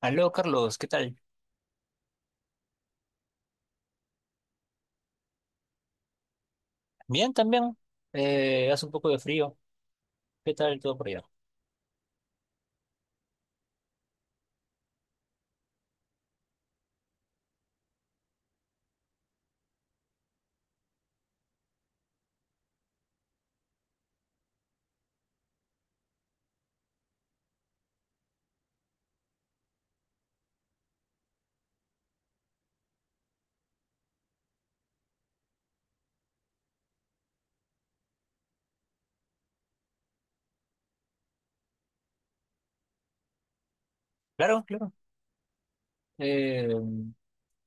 Aló, Carlos, ¿qué tal? Bien, también. Hace un poco de frío. ¿Qué tal todo por allá? Claro, claro. Eh,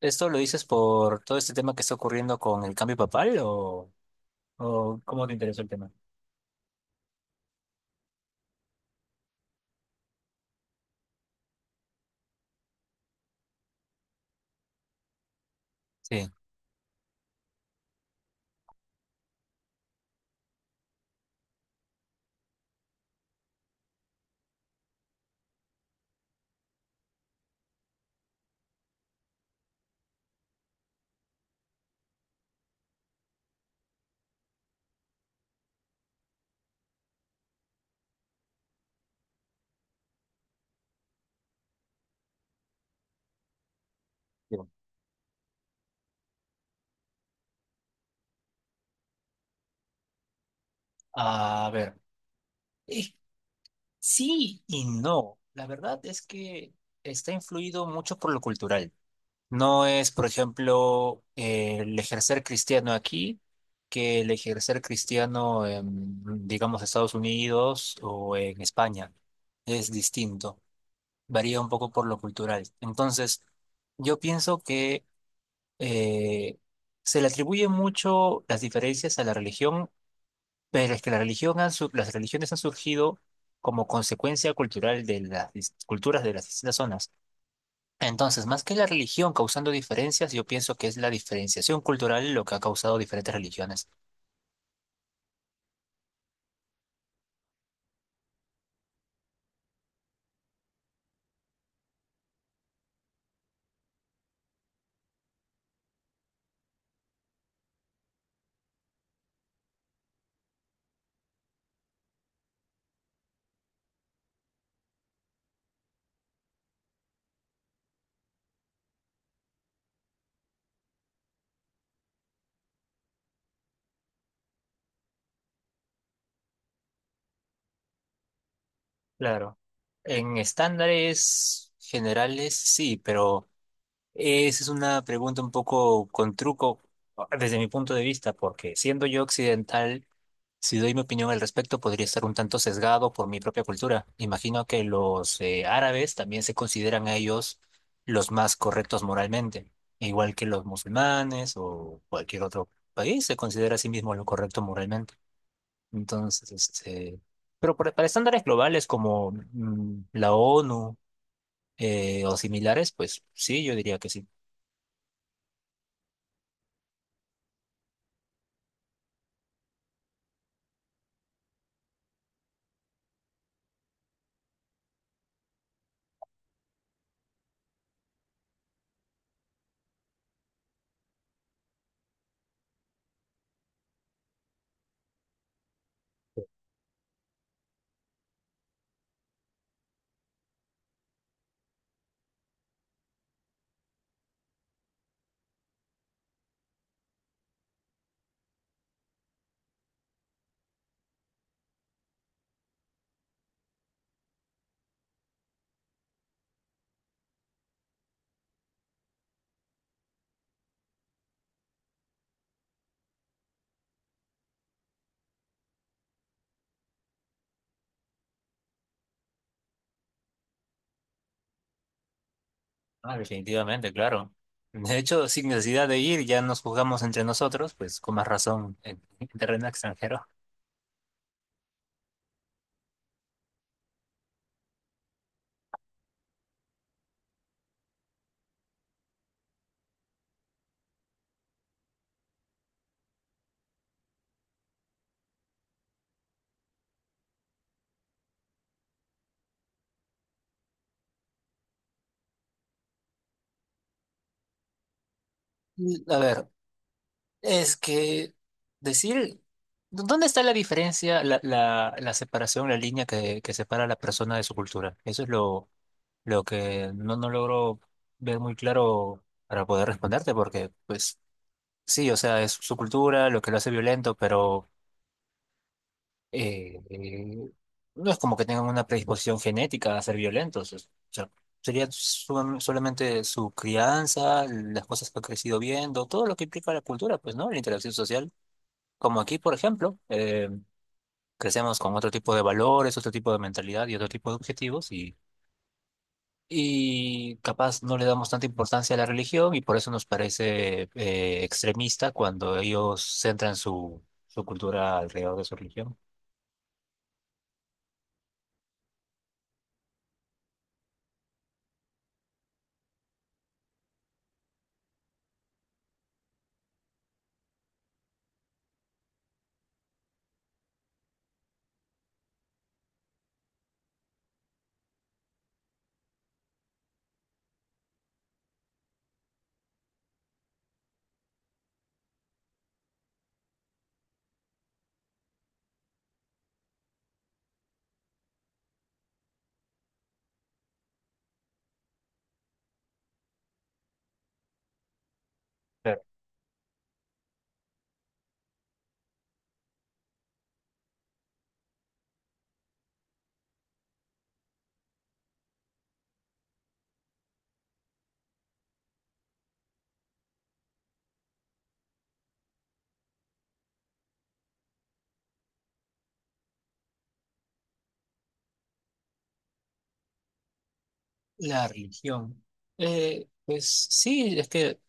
¿Esto lo dices por todo este tema que está ocurriendo con el cambio papal o cómo te interesó el tema? Sí, digo. A ver, eh, sí y no. La verdad es que está influido mucho por lo cultural. No es, por ejemplo, el ejercer cristiano aquí que el ejercer cristiano en, digamos, Estados Unidos o en España. Es distinto, varía un poco por lo cultural. Entonces, yo pienso que eh, se le atribuye mucho las diferencias a la religión, pero es que la religión han su- las religiones han surgido como consecuencia cultural de culturas de las distintas zonas. Entonces, más que la religión causando diferencias, yo pienso que es la diferenciación cultural lo que ha causado diferentes religiones. Claro. En estándares generales, sí, pero esa es una pregunta un poco con truco desde mi punto de vista, porque siendo yo occidental, si doy mi opinión al respecto, podría estar un tanto sesgado por mi propia cultura. Imagino que los árabes también se consideran a ellos los más correctos moralmente, igual que los musulmanes o cualquier otro país se considera a sí mismo lo correcto moralmente. Entonces, pero para estándares globales como mm, la ONU, o similares, pues sí, yo diría que sí. Ah, definitivamente, claro. De hecho, sin necesidad de ir, ya nos jugamos entre nosotros, pues con más razón en terreno extranjero. Mm, a ver, es que decir, ¿dónde está la diferencia, la separación, la línea que separa a la persona de su cultura? Eso es lo que no, no logro ver muy claro para poder responderte, porque pues sí, o sea, es su cultura lo que lo hace violento, pero... eh, eh, no es como que tengan una predisposición genética a ser violentos. O sea, sería solamente su crianza, las cosas que ha crecido viendo, todo lo que implica la cultura, pues, ¿no? La interacción social. Como aquí, por ejemplo, crecemos con otro tipo de valores, otro tipo de mentalidad y otro tipo de objetivos y capaz no le damos tanta importancia a la religión y por eso nos parece extremista cuando ellos centran su, su cultura alrededor de su religión. La religión. Pues sí, es que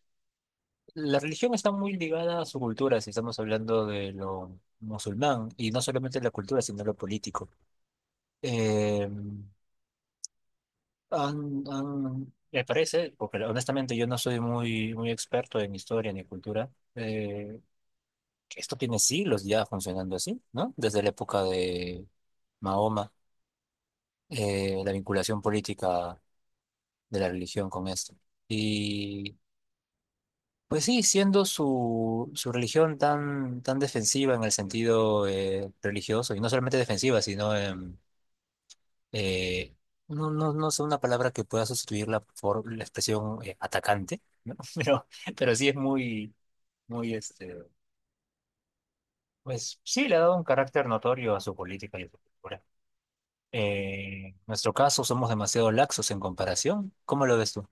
la religión está muy ligada a su cultura, si estamos hablando de lo musulmán, y no solamente la cultura, sino lo político. Eh, Me parece, porque honestamente yo no soy muy, muy experto en historia ni cultura, eh, que esto tiene siglos ya funcionando así, ¿no? Desde la época de Mahoma, la vinculación política de la religión con esto. Pues sí, siendo su, su religión tan, tan defensiva en el sentido religioso, y no solamente defensiva, sino eh, no, no, no sé una palabra que pueda sustituirla por la expresión atacante, pero, pero sí es muy, muy este, pues sí le ha dado un carácter notorio a su política y a su cultura. En nuestro caso somos demasiado laxos en comparación. ¿Cómo lo ves tú?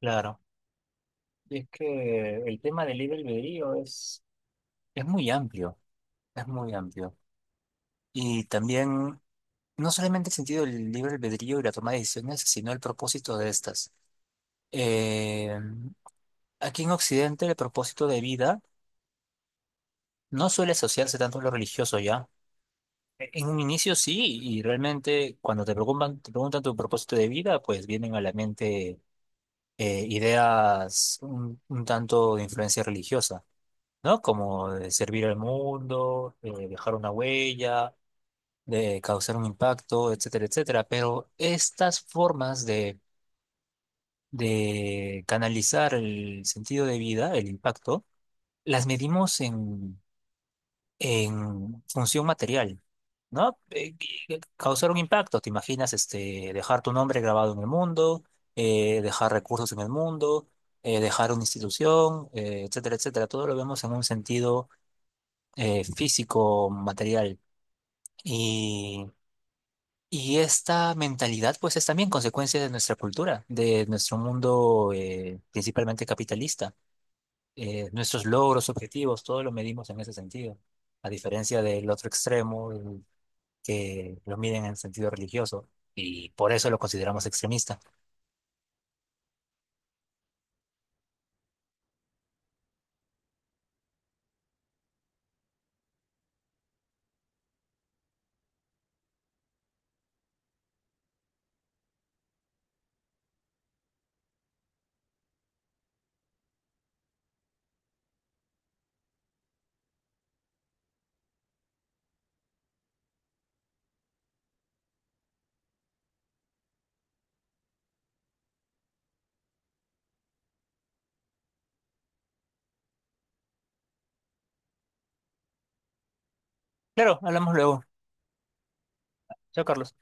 Claro. Y es que el tema del libre albedrío es muy amplio, es muy amplio. Y también, no solamente el sentido del libre albedrío y la toma de decisiones, sino el propósito de estas. Eh, Aquí en Occidente, el propósito de vida no suele asociarse tanto a lo religioso ya. En un inicio sí, y realmente cuando te preguntan tu propósito de vida, pues vienen a la mente ideas un tanto de influencia religiosa, ¿no? Como de servir al mundo, dejar una huella de causar un impacto, etcétera, etcétera. Pero estas formas de canalizar el sentido de vida, el impacto, las medimos en función material, ¿no? Causar un impacto, te imaginas este, dejar tu nombre grabado en el mundo, dejar recursos en el mundo, dejar una institución, etcétera, etcétera. Todo lo vemos en un sentido físico, material. Y esta mentalidad, pues, es también consecuencia de nuestra cultura, de nuestro mundo principalmente capitalista. Nuestros logros, objetivos, todo lo medimos en ese sentido, a diferencia del otro extremo, el que lo miden en sentido religioso, y por eso lo consideramos extremista. Claro, hablamos luego. Chao, Carlos.